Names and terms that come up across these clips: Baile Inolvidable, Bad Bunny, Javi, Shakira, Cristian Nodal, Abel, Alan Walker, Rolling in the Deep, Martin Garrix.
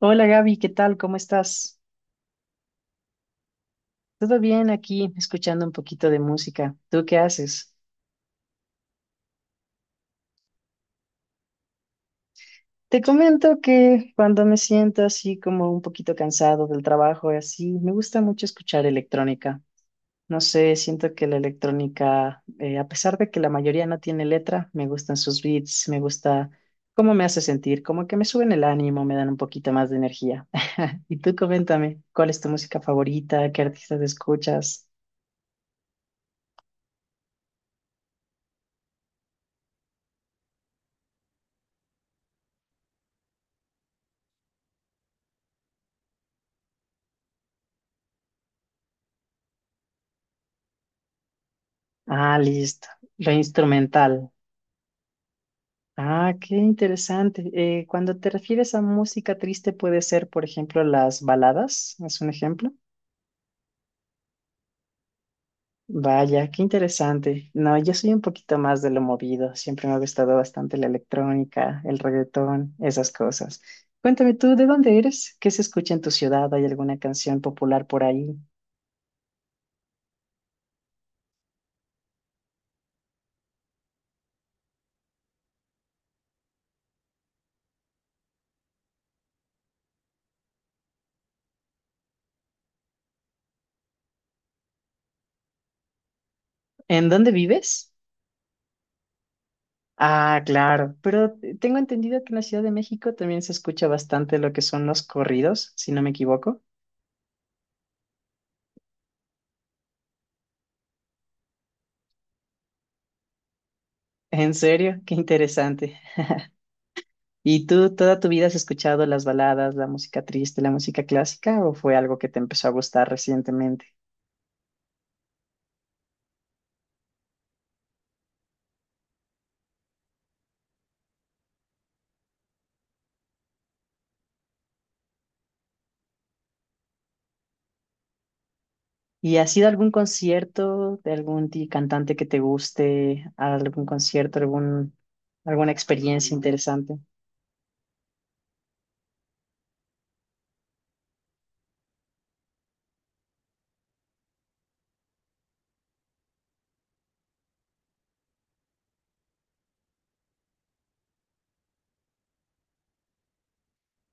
Hola Gaby, ¿qué tal? ¿Cómo estás? Todo bien aquí, escuchando un poquito de música. ¿Tú qué haces? Te comento que cuando me siento así como un poquito cansado del trabajo y así, me gusta mucho escuchar electrónica. No sé, siento que la electrónica, a pesar de que la mayoría no tiene letra, me gustan sus beats, me gusta cómo me hace sentir, como que me suben el ánimo, me dan un poquito más de energía. Y tú coméntame, ¿cuál es tu música favorita? ¿Qué artistas escuchas? Ah, listo. Lo instrumental. Ah, qué interesante. Cuando te refieres a música triste, puede ser, por ejemplo, las baladas, es un ejemplo. Vaya, qué interesante. No, yo soy un poquito más de lo movido. Siempre me ha gustado bastante la electrónica, el reggaetón, esas cosas. Cuéntame tú, ¿de dónde eres? ¿Qué se escucha en tu ciudad? ¿Hay alguna canción popular por ahí? ¿En dónde vives? Ah, claro, pero tengo entendido que en la Ciudad de México también se escucha bastante lo que son los corridos, si no me equivoco. En serio, qué interesante. ¿Y tú toda tu vida has escuchado las baladas, la música triste, la música clásica o fue algo que te empezó a gustar recientemente? ¿Y has ido a algún concierto de algún cantante que te guste, a algún concierto, algún, alguna experiencia interesante?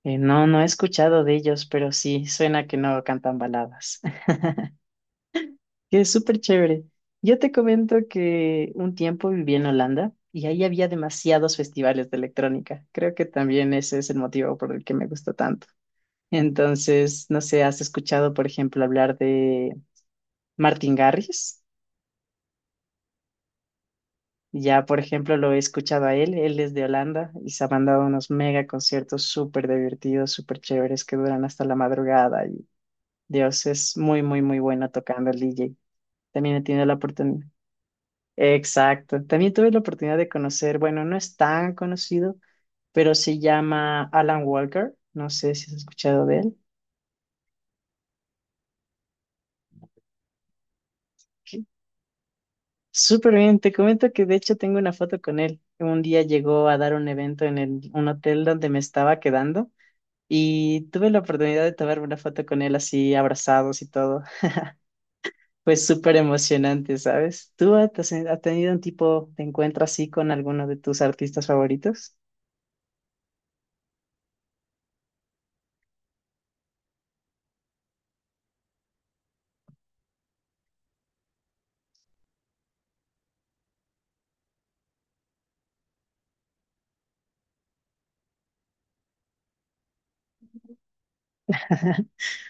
No, no he escuchado de ellos, pero sí, suena que no cantan baladas. Que es súper chévere. Yo te comento que un tiempo viví en Holanda y ahí había demasiados festivales de electrónica. Creo que también ese es el motivo por el que me gustó tanto. Entonces, no sé, ¿has escuchado, por ejemplo, hablar de Martin Garrix? Ya, por ejemplo, lo he escuchado a él, él es de Holanda y se ha mandado unos mega conciertos súper divertidos, súper chéveres que duran hasta la madrugada y Dios es muy, muy, muy bueno tocando el DJ. También he tenido la oportunidad. Exacto, también tuve la oportunidad de conocer, bueno, no es tan conocido, pero se llama Alan Walker, no sé si has escuchado de él. Súper bien, te comento que de hecho tengo una foto con él. Un día llegó a dar un evento un hotel donde me estaba quedando y tuve la oportunidad de tomar una foto con él así abrazados y todo. Fue súper emocionante, ¿sabes? ¿Tú has, has tenido un tipo de encuentro así con alguno de tus artistas favoritos?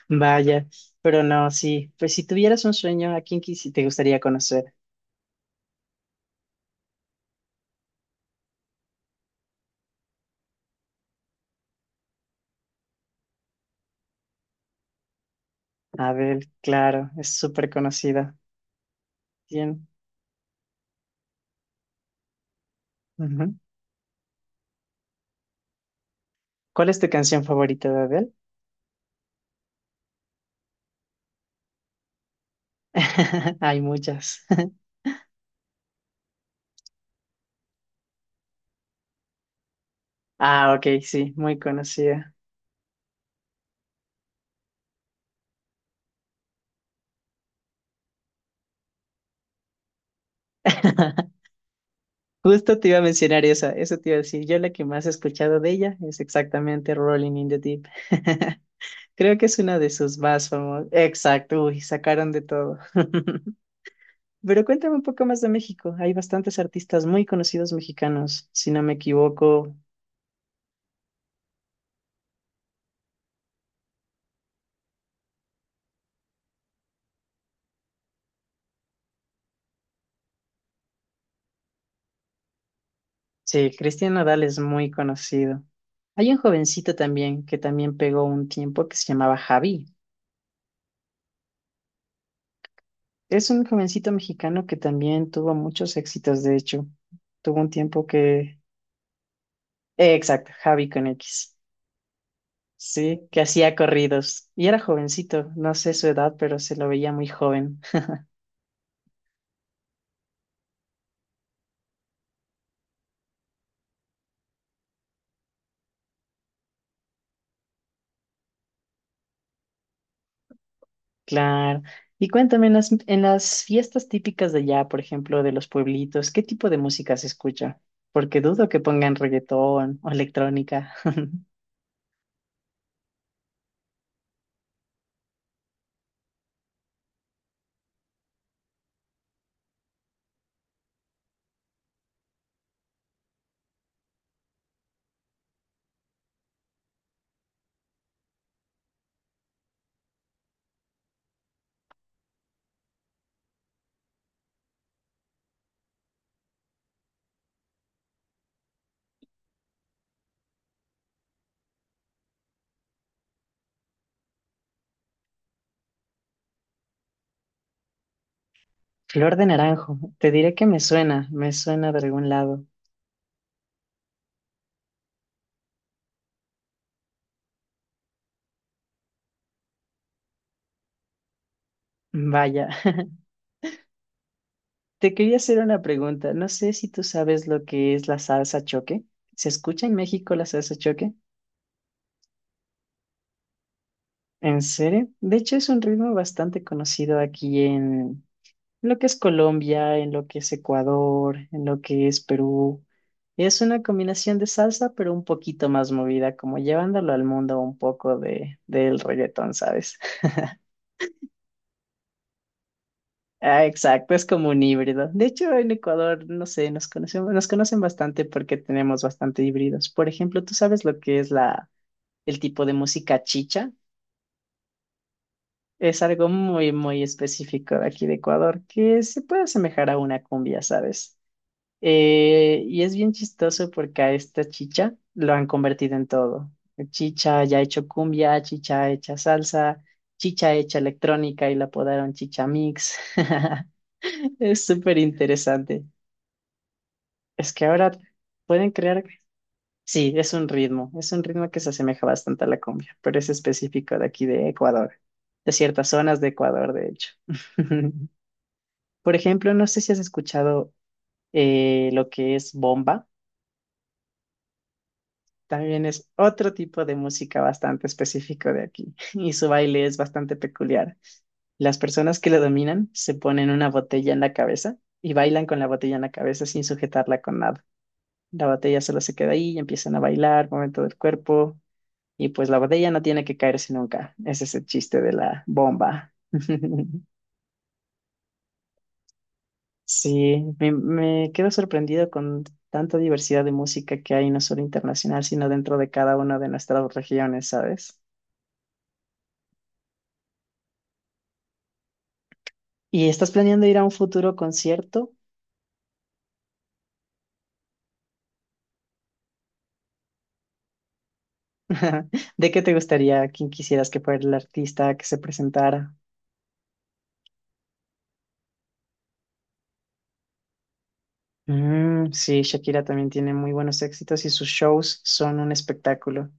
Vaya, pero no, sí, pues si tuvieras un sueño, ¿a quién te gustaría conocer? Abel, claro, es súper conocida. Bien. Ujú. ¿Cuál es tu canción favorita de Abel? Hay muchas. Ah, ok, sí, muy conocida. Justo te iba a mencionar esa, eso te iba a decir. Yo la que más he escuchado de ella es exactamente Rolling in the Deep. Creo que es una de sus más famosas. Exacto, uy, sacaron de todo. Pero cuéntame un poco más de México. Hay bastantes artistas muy conocidos mexicanos, si no me equivoco. Sí, Cristian Nodal es muy conocido. Hay un jovencito también que también pegó un tiempo que se llamaba Javi. Es un jovencito mexicano que también tuvo muchos éxitos, de hecho. Tuvo un tiempo que... exacto, Javi con X. Sí, que hacía corridos. Y era jovencito, no sé su edad, pero se lo veía muy joven. Claro. Y cuéntame, en las fiestas típicas de allá, por ejemplo, de los pueblitos, ¿qué tipo de música se escucha? Porque dudo que pongan reggaetón o electrónica. Flor de naranjo, te diré que me suena de algún lado. Vaya. Te quería hacer una pregunta. No sé si tú sabes lo que es la salsa choque. ¿Se escucha en México la salsa choque? ¿En serio? De hecho, es un ritmo bastante conocido aquí en lo que es Colombia, en lo que es Ecuador, en lo que es Perú. Es una combinación de salsa, pero un poquito más movida, como llevándolo al mundo un poco del reggaetón, ¿sabes? Ah, exacto, es como un híbrido. De hecho, en Ecuador, no sé, nos conocemos, nos conocen bastante porque tenemos bastante híbridos. Por ejemplo, ¿tú sabes lo que es el tipo de música chicha? Es algo muy, muy específico de aquí de Ecuador que se puede asemejar a una cumbia, ¿sabes? Y es bien chistoso porque a esta chicha lo han convertido en todo. Chicha ya ha hecho cumbia, chicha hecha salsa, chicha hecha electrónica y la apodaron Chicha Mix. Es súper interesante. Es que ahora pueden crear, sí, es un ritmo que se asemeja bastante a la cumbia, pero es específico de aquí de Ecuador, de ciertas zonas de Ecuador, de hecho. Por ejemplo, no sé si has escuchado lo que es bomba. También es otro tipo de música bastante específico de aquí y su baile es bastante peculiar. Las personas que lo dominan se ponen una botella en la cabeza y bailan con la botella en la cabeza sin sujetarla con nada. La botella solo se queda ahí y empiezan a bailar, movimiento del cuerpo y pues la botella no tiene que caerse nunca. Ese es el chiste de la bomba. Sí, me quedo sorprendido con tanta diversidad de música que hay, no solo internacional, sino dentro de cada una de nuestras regiones, ¿sabes? ¿Y estás planeando ir a un futuro concierto? ¿De qué te gustaría? ¿Quién quisieras que fuera el artista que se presentara? Mm, sí, Shakira también tiene muy buenos éxitos y sus shows son un espectáculo.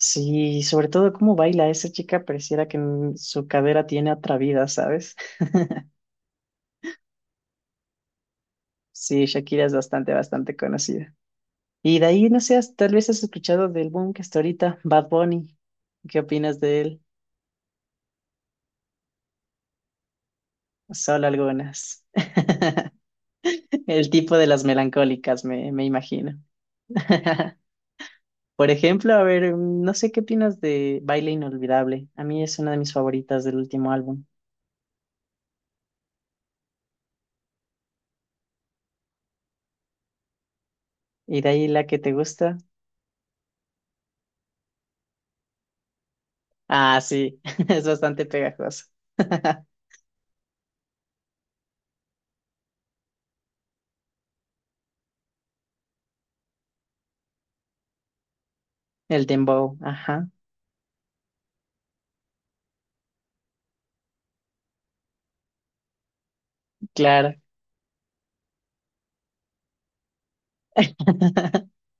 Sí, sobre todo cómo baila esa chica, pareciera que mm, su cadera tiene otra vida, ¿sabes? Sí, Shakira es bastante, bastante conocida. Y de ahí, no sé, tal vez has escuchado del boom que está ahorita, Bad Bunny. ¿Qué opinas de él? Solo algunas. El tipo de las melancólicas, me imagino. Por ejemplo, a ver, mm, no sé qué opinas de Baile Inolvidable. A mí es una de mis favoritas del último álbum. ¿Y de ahí la que te gusta? Ah, sí, es bastante pegajoso El dembow, ajá, claro.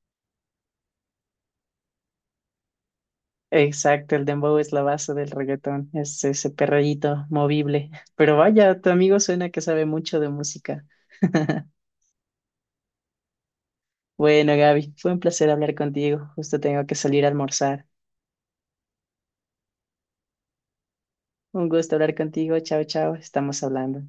Exacto, el dembow es la base del reggaetón, es ese perreíto movible. Pero vaya, tu amigo suena que sabe mucho de música. Bueno, Gaby, fue un placer hablar contigo. Justo tengo que salir a almorzar. Un gusto hablar contigo. Chao, chao. Estamos hablando.